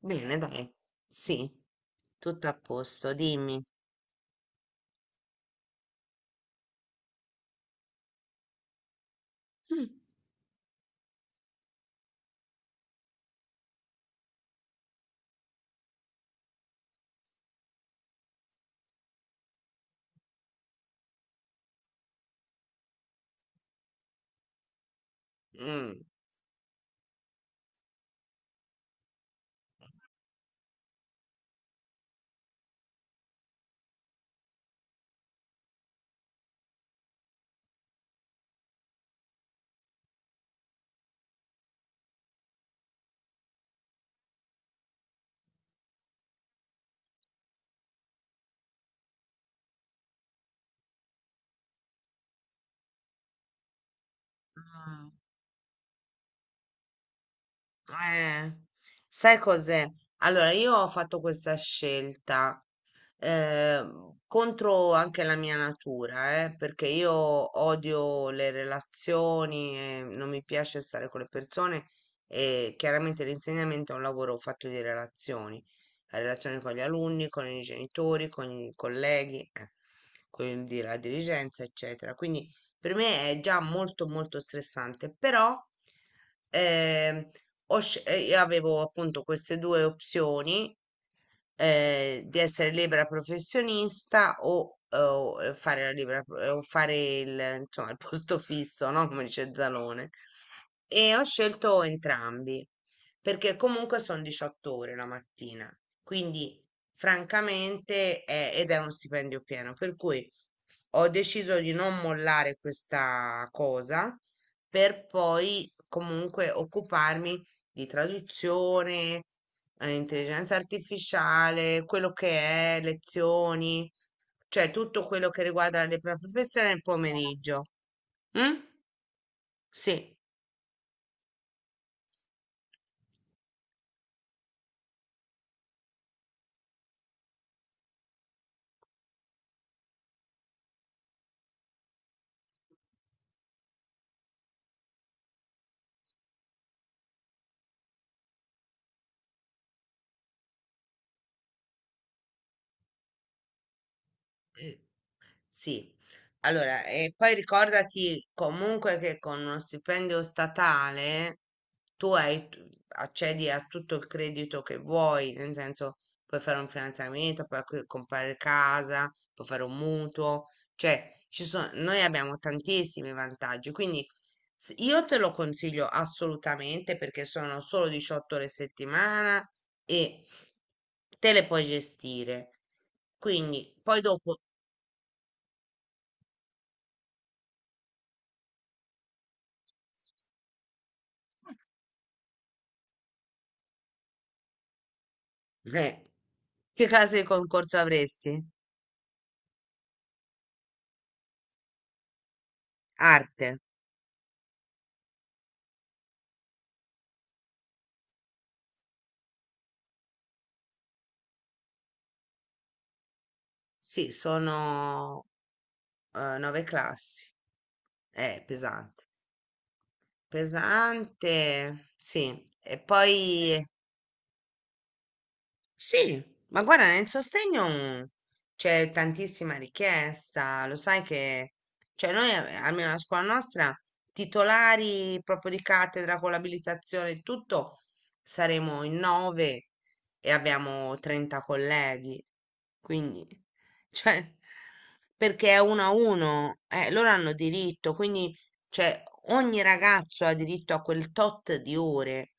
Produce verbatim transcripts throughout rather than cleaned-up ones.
Bene, dai. Sì, tutto a posto, dimmi. Mm. Mm. Eh, Sai cos'è? Allora, io ho fatto questa scelta eh, contro anche la mia natura, eh, perché io odio le relazioni, e non mi piace stare con le persone e chiaramente l'insegnamento è un lavoro fatto di relazioni, la relazione con gli alunni, con i genitori, con i colleghi, eh, quindi la dirigenza, eccetera. Quindi per me è già molto molto stressante, però ehm, ho sce- eh, io avevo appunto queste due opzioni eh, di essere libera professionista o, eh, o, eh, fare la libera, pro- eh, o fare il, insomma, il posto fisso, no? Come dice Zalone. E ho scelto entrambi, perché comunque sono diciotto ore la mattina, quindi francamente è- ed è uno stipendio pieno, per cui ho deciso di non mollare questa cosa per poi comunque occuparmi di traduzione, eh, intelligenza artificiale, quello che è, lezioni, cioè tutto quello che riguarda la mia professione nel pomeriggio. Mm? Sì. Sì, allora, e poi ricordati comunque che con uno stipendio statale tu hai, tu- accedi a tutto il credito che vuoi, nel senso puoi fare un finanziamento, puoi acqui- comprare casa, puoi fare un mutuo, cioè ci sono, noi abbiamo tantissimi vantaggi, quindi s- io te lo consiglio assolutamente perché sono solo diciotto ore a settimana e te le puoi gestire. Quindi poi dopo... Eh, Che classe di concorso avresti? Arte. Sì, sono eh, nove classi. È pesante. Pesante, sì. E poi Sì, ma guarda, nel sostegno mm, c'è tantissima richiesta, lo sai che, cioè noi, eh, almeno la scuola nostra, titolari proprio di cattedra con l'abilitazione e tutto, saremo in nove e abbiamo trenta colleghi, quindi, cioè, perché è uno a uno, eh, loro hanno diritto, quindi cioè, ogni ragazzo ha diritto a quel tot di ore.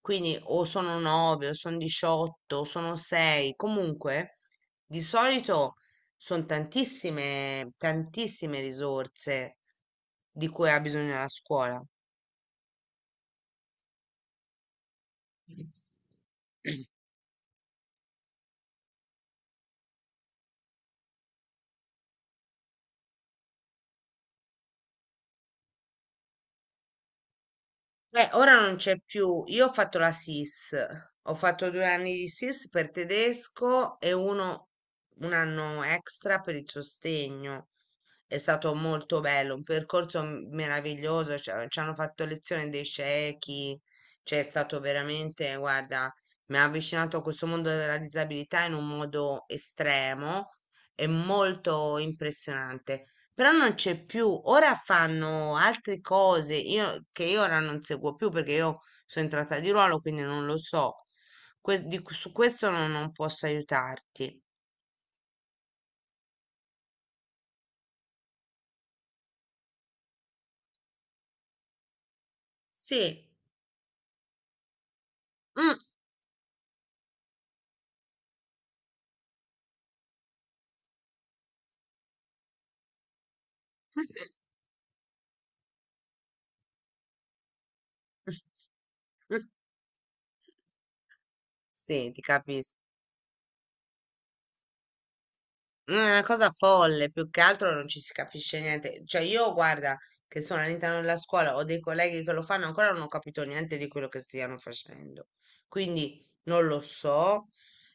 Quindi o sono nove, o sono diciotto, o sono sei. Comunque, di solito sono tantissime, tantissime risorse di cui ha bisogno la scuola. Beh, ora non c'è più. Io ho fatto la SIS, ho fatto due anni di SIS per tedesco e uno, un anno extra per il sostegno. È stato molto bello, un percorso m- meraviglioso, ci ha- ci hanno fatto lezione dei ciechi, cioè è stato veramente, guarda, mi ha avvicinato a questo mondo della disabilità in un modo estremo e molto impressionante. Però non c'è più, ora fanno altre cose io, che io ora non seguo più perché io sono entrata di ruolo, quindi non lo so. Que- di- su questo non non posso aiutarti. Sì. Mm. Sì, ti capisco. No, è una cosa folle, più che altro non ci si capisce niente. Cioè, io guarda che sono all'interno della scuola, ho dei colleghi che lo fanno, ancora non ho capito niente di quello che stiano facendo. Quindi non lo so,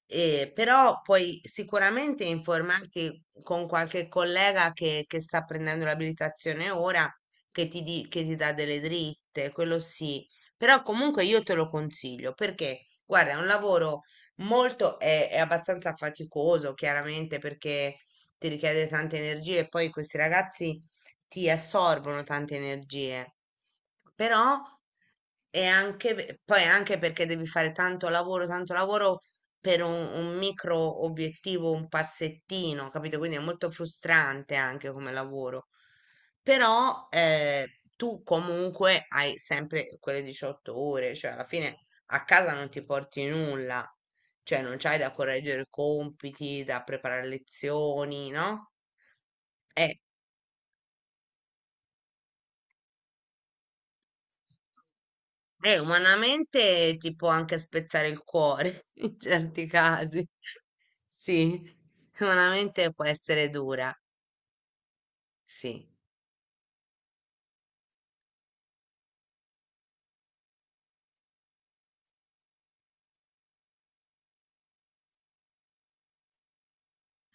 eh, però puoi sicuramente informarti con qualche collega che, che sta prendendo l'abilitazione ora, che ti, di- che ti dà delle dritte, quello sì. Però comunque io te lo consiglio perché, guarda, è un lavoro Molto è, è abbastanza faticoso, chiaramente, perché ti richiede tante energie e poi questi ragazzi ti assorbono tante energie. Però è anche, ve- poi è anche perché devi fare tanto lavoro, tanto lavoro per un, un micro obiettivo, un passettino, capito? Quindi è molto frustrante anche come lavoro. Però eh, tu comunque hai sempre quelle diciotto ore, cioè alla fine a casa non ti porti nulla cioè, non c'hai da correggere compiti, da preparare lezioni, no? È, è umanamente ti può anche spezzare il cuore in certi casi. Sì, umanamente può essere dura. Sì.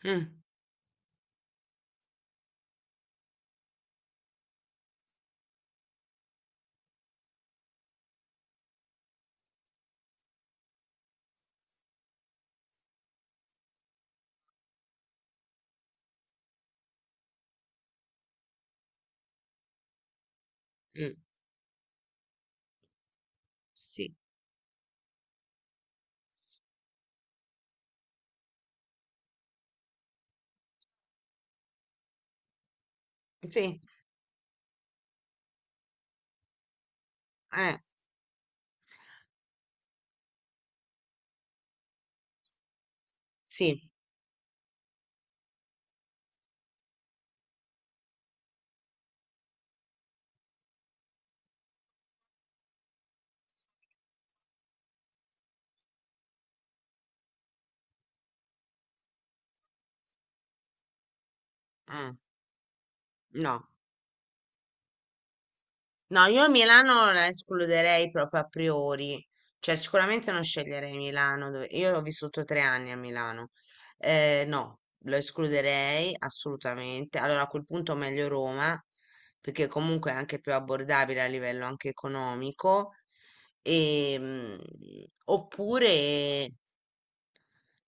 Mm, mm, sì. Sì, eh, sì. Mm, no. No, io Milano la escluderei proprio a priori, cioè sicuramente non sceglierei Milano, dove- io ho vissuto tre anni a Milano. Eh, no, lo escluderei assolutamente, allora a quel punto meglio Roma, perché comunque è anche più abbordabile a livello anche economico, e, mm, oppure...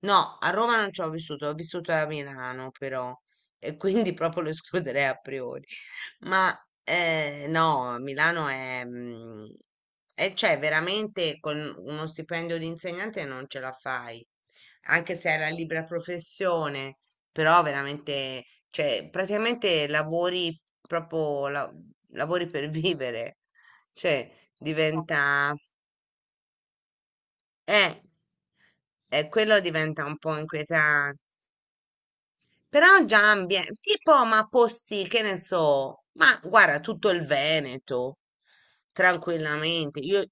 No, a Roma non ci ho vissuto, ho vissuto a Milano però, e quindi proprio lo escluderei a priori. Ma eh, no, Milano è, mm, e cioè veramente con uno stipendio di insegnante non ce la fai, anche se è la libera professione, però veramente, cioè praticamente lavori proprio, la- lavori per vivere, cioè diventa, eh, eh, quello diventa un po' inquietante. Però già ambie- tipo, ma posti, che ne so, ma guarda, tutto il Veneto, tranquillamente. Io,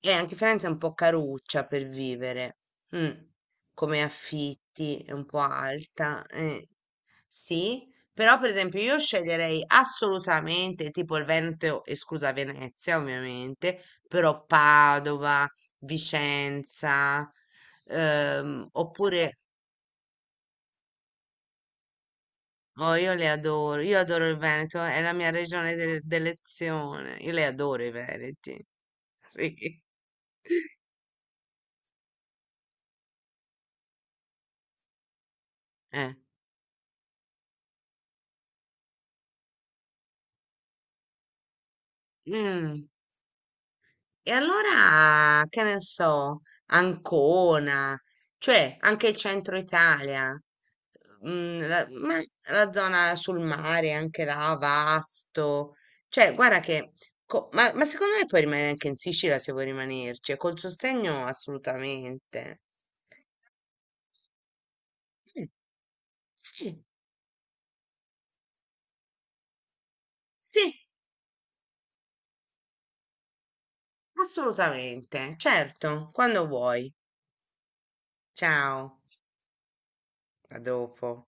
e anche Firenze è un po' caruccia per vivere, mm, come affitti, è un po' alta, eh. Sì, però per esempio io sceglierei assolutamente tipo il Veneto, esclusa Venezia ovviamente, però Padova, Vicenza, ehm, oppure... Oh, io le adoro, io adoro il Veneto, è la mia regione de- d'elezione, io le adoro i Veneti. Sì. Eh. Mm. E allora, che ne so, Ancona, cioè anche il centro Italia, mm, la, ma la zona sul mare, anche là, Vasto, cioè guarda che, co- ma, ma secondo me puoi rimanere anche in Sicilia se vuoi rimanerci, e col sostegno assolutamente. Mm, sì. Sì, assolutamente, certo, quando vuoi. Ciao, a dopo.